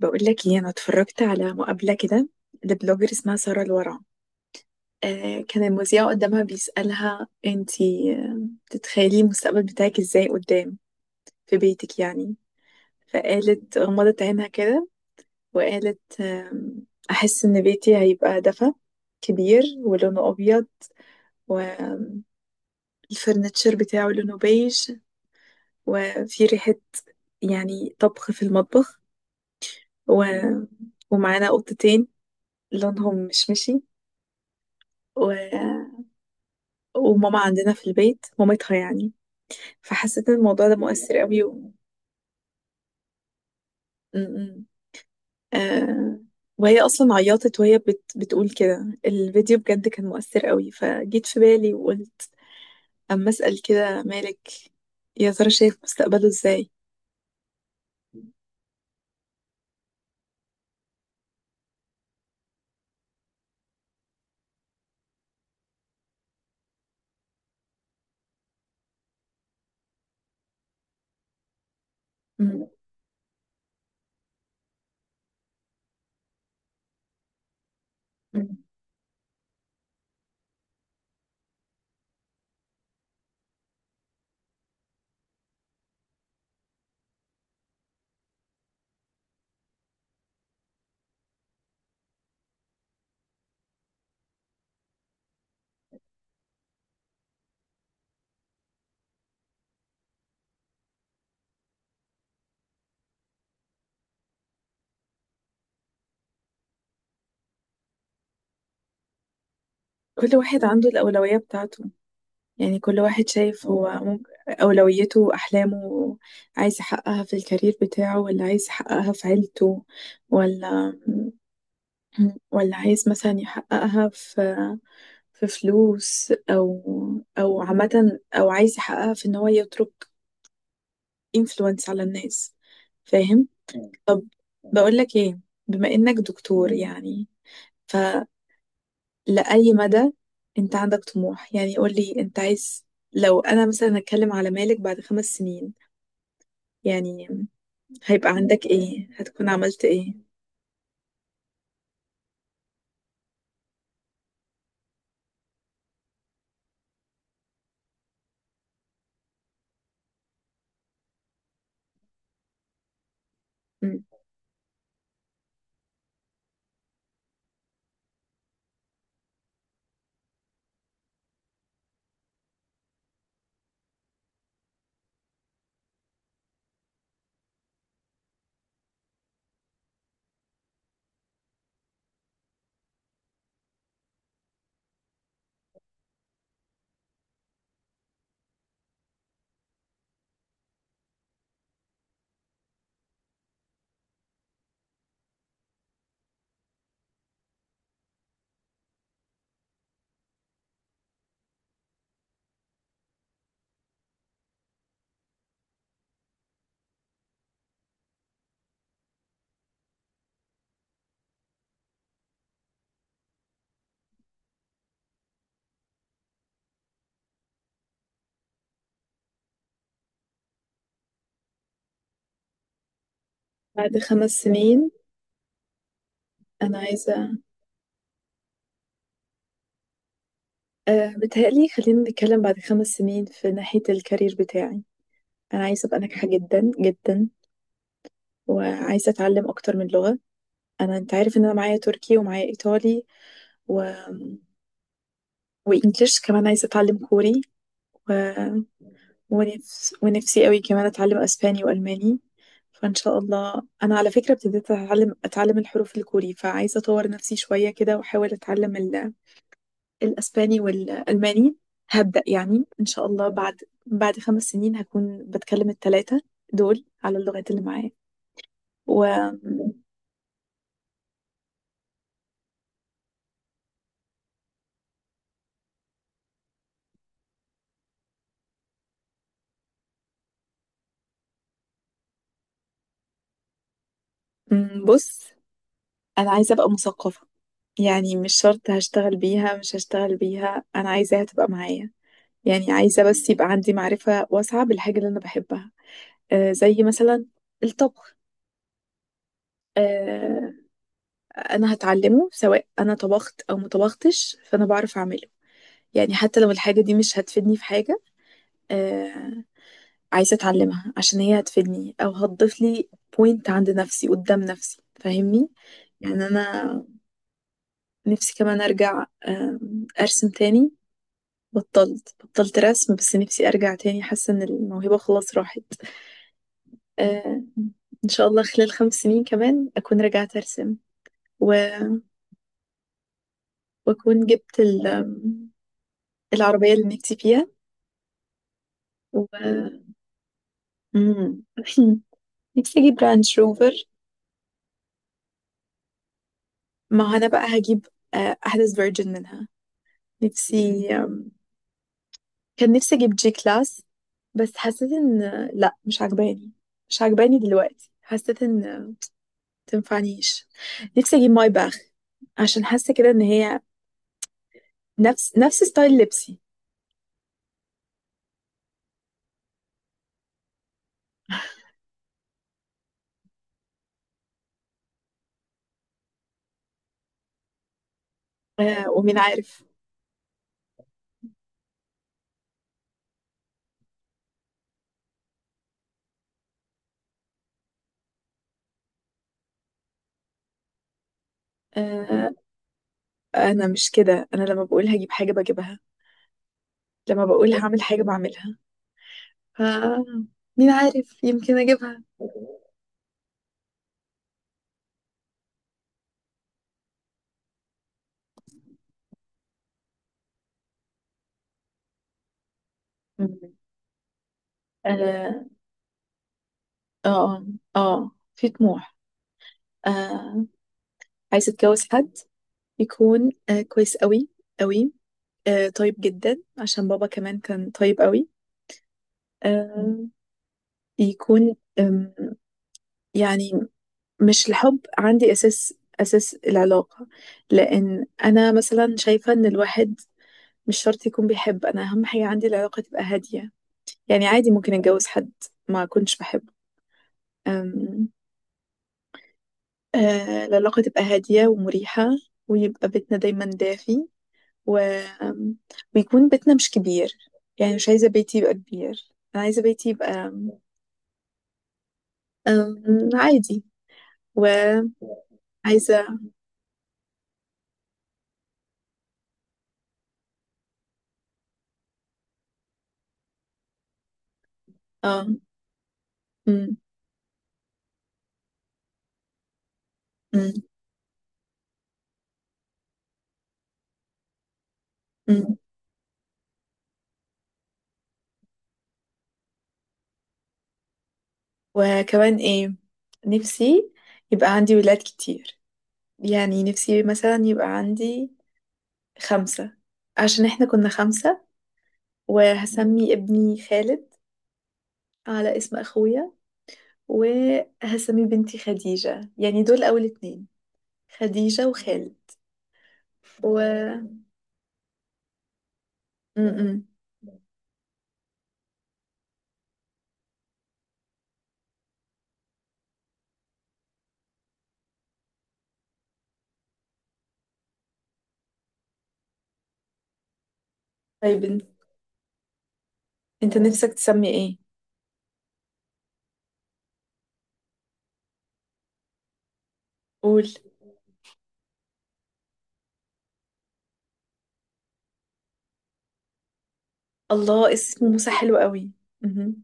بقول لك ايه، انا اتفرجت على مقابله كده لبلوجر اسمها ساره الورع. كان المذيع قدامها بيسالها انتي، تتخيلي المستقبل بتاعك ازاي قدام في بيتك يعني. فقالت غمضت عينها كده وقالت، احس ان بيتي هيبقى دفا كبير ولونه ابيض، والفرنتشر بتاعه لونه بيج، وفي ريحه يعني طبخ في المطبخ، و... ومعانا قطتين لونهم مشمشي، و... وماما عندنا في البيت مامتها يعني. فحسيت ان الموضوع ده مؤثر قوي م-م. آه... وهي اصلا عيطت وهي بتقول كده. الفيديو بجد كان مؤثر قوي، فجيت في بالي وقلت اما اسال كده مالك يا ترى شايف مستقبله ازاي. مم. مم. كل واحد عنده الأولوية بتاعته، يعني كل واحد شايف هو ممكن أولويته وأحلامه عايز يحققها في الكارير بتاعه، ولا عايز يحققها في عيلته، ولا ولا عايز مثلا يحققها في في فلوس، او او عامة، او عايز يحققها في ان هو يترك انفلونس على الناس. فاهم؟ طب، بقول لك ايه، بما انك دكتور يعني، فلأي مدى انت عندك طموح؟ يعني قول لي انت عايز، لو انا مثلا هتكلم على مالك بعد 5 سنين يعني، هيبقى عندك ايه؟ هتكون عملت ايه؟ مم. بعد 5 سنين انا عايزة، بتهيألي خلينا نتكلم بعد 5 سنين في ناحية الكارير بتاعي. أنا عايزة أبقى ناجحة جدا جدا، وعايزة أتعلم أكتر من لغة. أنا، أنت عارف إن أنا معايا تركي ومعايا إيطالي و... وإنجليش، كمان عايزة أتعلم كوري و... ونفسي قوي كمان أتعلم أسباني وألماني. فإن شاء الله أنا على فكرة ابتديت أتعلم الحروف الكوري، فعايزة أطور نفسي شوية كده وأحاول أتعلم الأسباني والألماني. هبدأ يعني إن شاء الله بعد 5 سنين هكون بتكلم التلاتة دول على اللغات اللي معايا. وبص، أنا عايزة أبقى مثقفة، يعني مش شرط هشتغل بيها، مش هشتغل بيها، أنا عايزاها تبقى معايا. يعني عايزة بس يبقى عندي معرفة واسعة بالحاجة اللي أنا بحبها، آه زي مثلا الطبخ. آه، أنا هتعلمه سواء أنا طبخت أو ما طبختش، فأنا بعرف أعمله. يعني حتى لو الحاجة دي مش هتفيدني في حاجة، آه، عايزة اتعلمها عشان هي هتفيدني او هتضيف لي بوينت عند نفسي قدام نفسي. فاهمني؟ يعني انا نفسي كمان ارجع ارسم تاني. بطلت رسم، بس نفسي ارجع تاني، حاسة ان الموهبة خلاص راحت. آه، ان شاء الله خلال 5 سنين كمان اكون رجعت ارسم، و- واكون جبت ال- آم، العربية اللي نفسي فيها و... مم. نفسي اجيب رانج روفر. ما هو انا بقى هجيب احدث فيرجن منها. نفسي، كان نفسي اجيب جي كلاس، بس حسيت ان لا مش عجباني. مش عجباني دلوقتي، حسيت ان تنفعنيش. نفسي اجيب ماي باخ، عشان حاسه كده ان هي نفس نفس ستايل لبسي. آه، ومين عارف؟ آه انا مش كده، انا لما بقول هجيب حاجه بجيبها، لما بقول هعمل حاجه بعملها. ف مين عارف، يمكن اجيبها. مم. اه، اه، اه، في طموح. آه عايزه اتجوز حد يكون آه كويس قوي قوي، طيب جدا عشان بابا كمان كان طيب قوي. آه يكون يعني مش الحب عندي أساس، أساس العلاقة. لأن أنا مثلا شايفة إن الواحد مش شرط يكون بيحب. أنا أهم حاجة عندي العلاقة تبقى هادية، يعني عادي ممكن أتجوز حد ما كنتش بحبه، آم، آه العلاقة تبقى هادية ومريحة، ويبقى بيتنا دايما دافي و... آم، ويكون بيتنا مش كبير. يعني مش عايزة بيتي يبقى كبير، أنا عايزة بيتي يبقى عادي. وعايزة اه أم، أم، أم. وكمان ايه، نفسي يبقى عندي ولاد كتير. يعني نفسي مثلا يبقى عندي خمسة، عشان احنا كنا خمسة. وهسمي ابني خالد على اسم اخويا، وهسمي بنتي خديجة. يعني دول اول اتنين، خديجة وخالد و أم، أم. طيب، انت نفسك تسمي ايه؟ قول. الله، اسم موسى حلو قوي. مهم.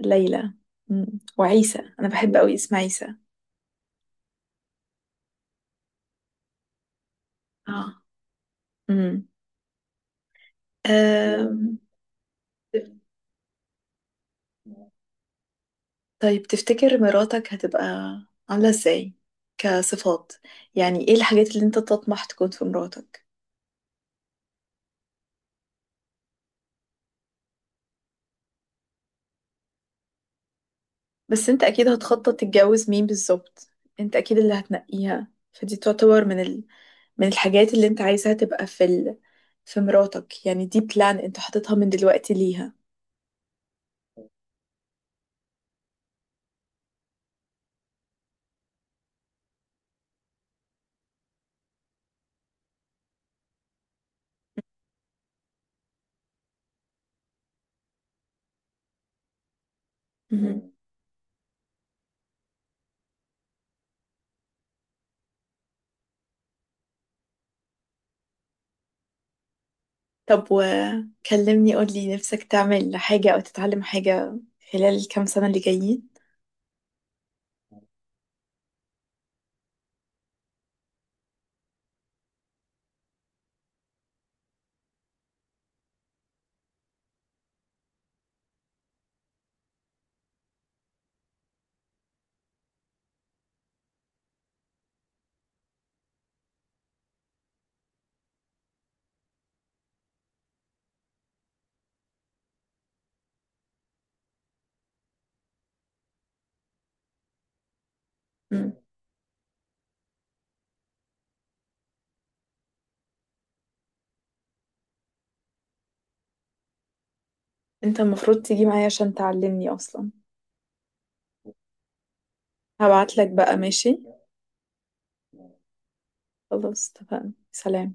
ليلى. مم، وعيسى، انا بحب قوي اسم عيسى. اه. مم. أم... تف- طيب، تفتكر مراتك هتبقى عاملة ازاي كصفات؟ يعني ايه الحاجات اللي انت تطمح تكون في مراتك؟ بس انت اكيد هتخطط تتجوز مين بالظبط، انت اكيد اللي هتنقيها، فدي تعتبر من من الحاجات اللي انت عايزها تبقى في في مراتك. يعني دي بلان انت حاططها من دلوقتي ليها. مهم. طب، وكلمني، قولي نفسك تعمل حاجة أو تتعلم حاجة خلال الكام سنة اللي جايين؟ مم. انت المفروض تيجي معايا عشان تعلمني أصلا. هبعتلك بقى، ماشي؟ خلاص اتفقنا. سلام.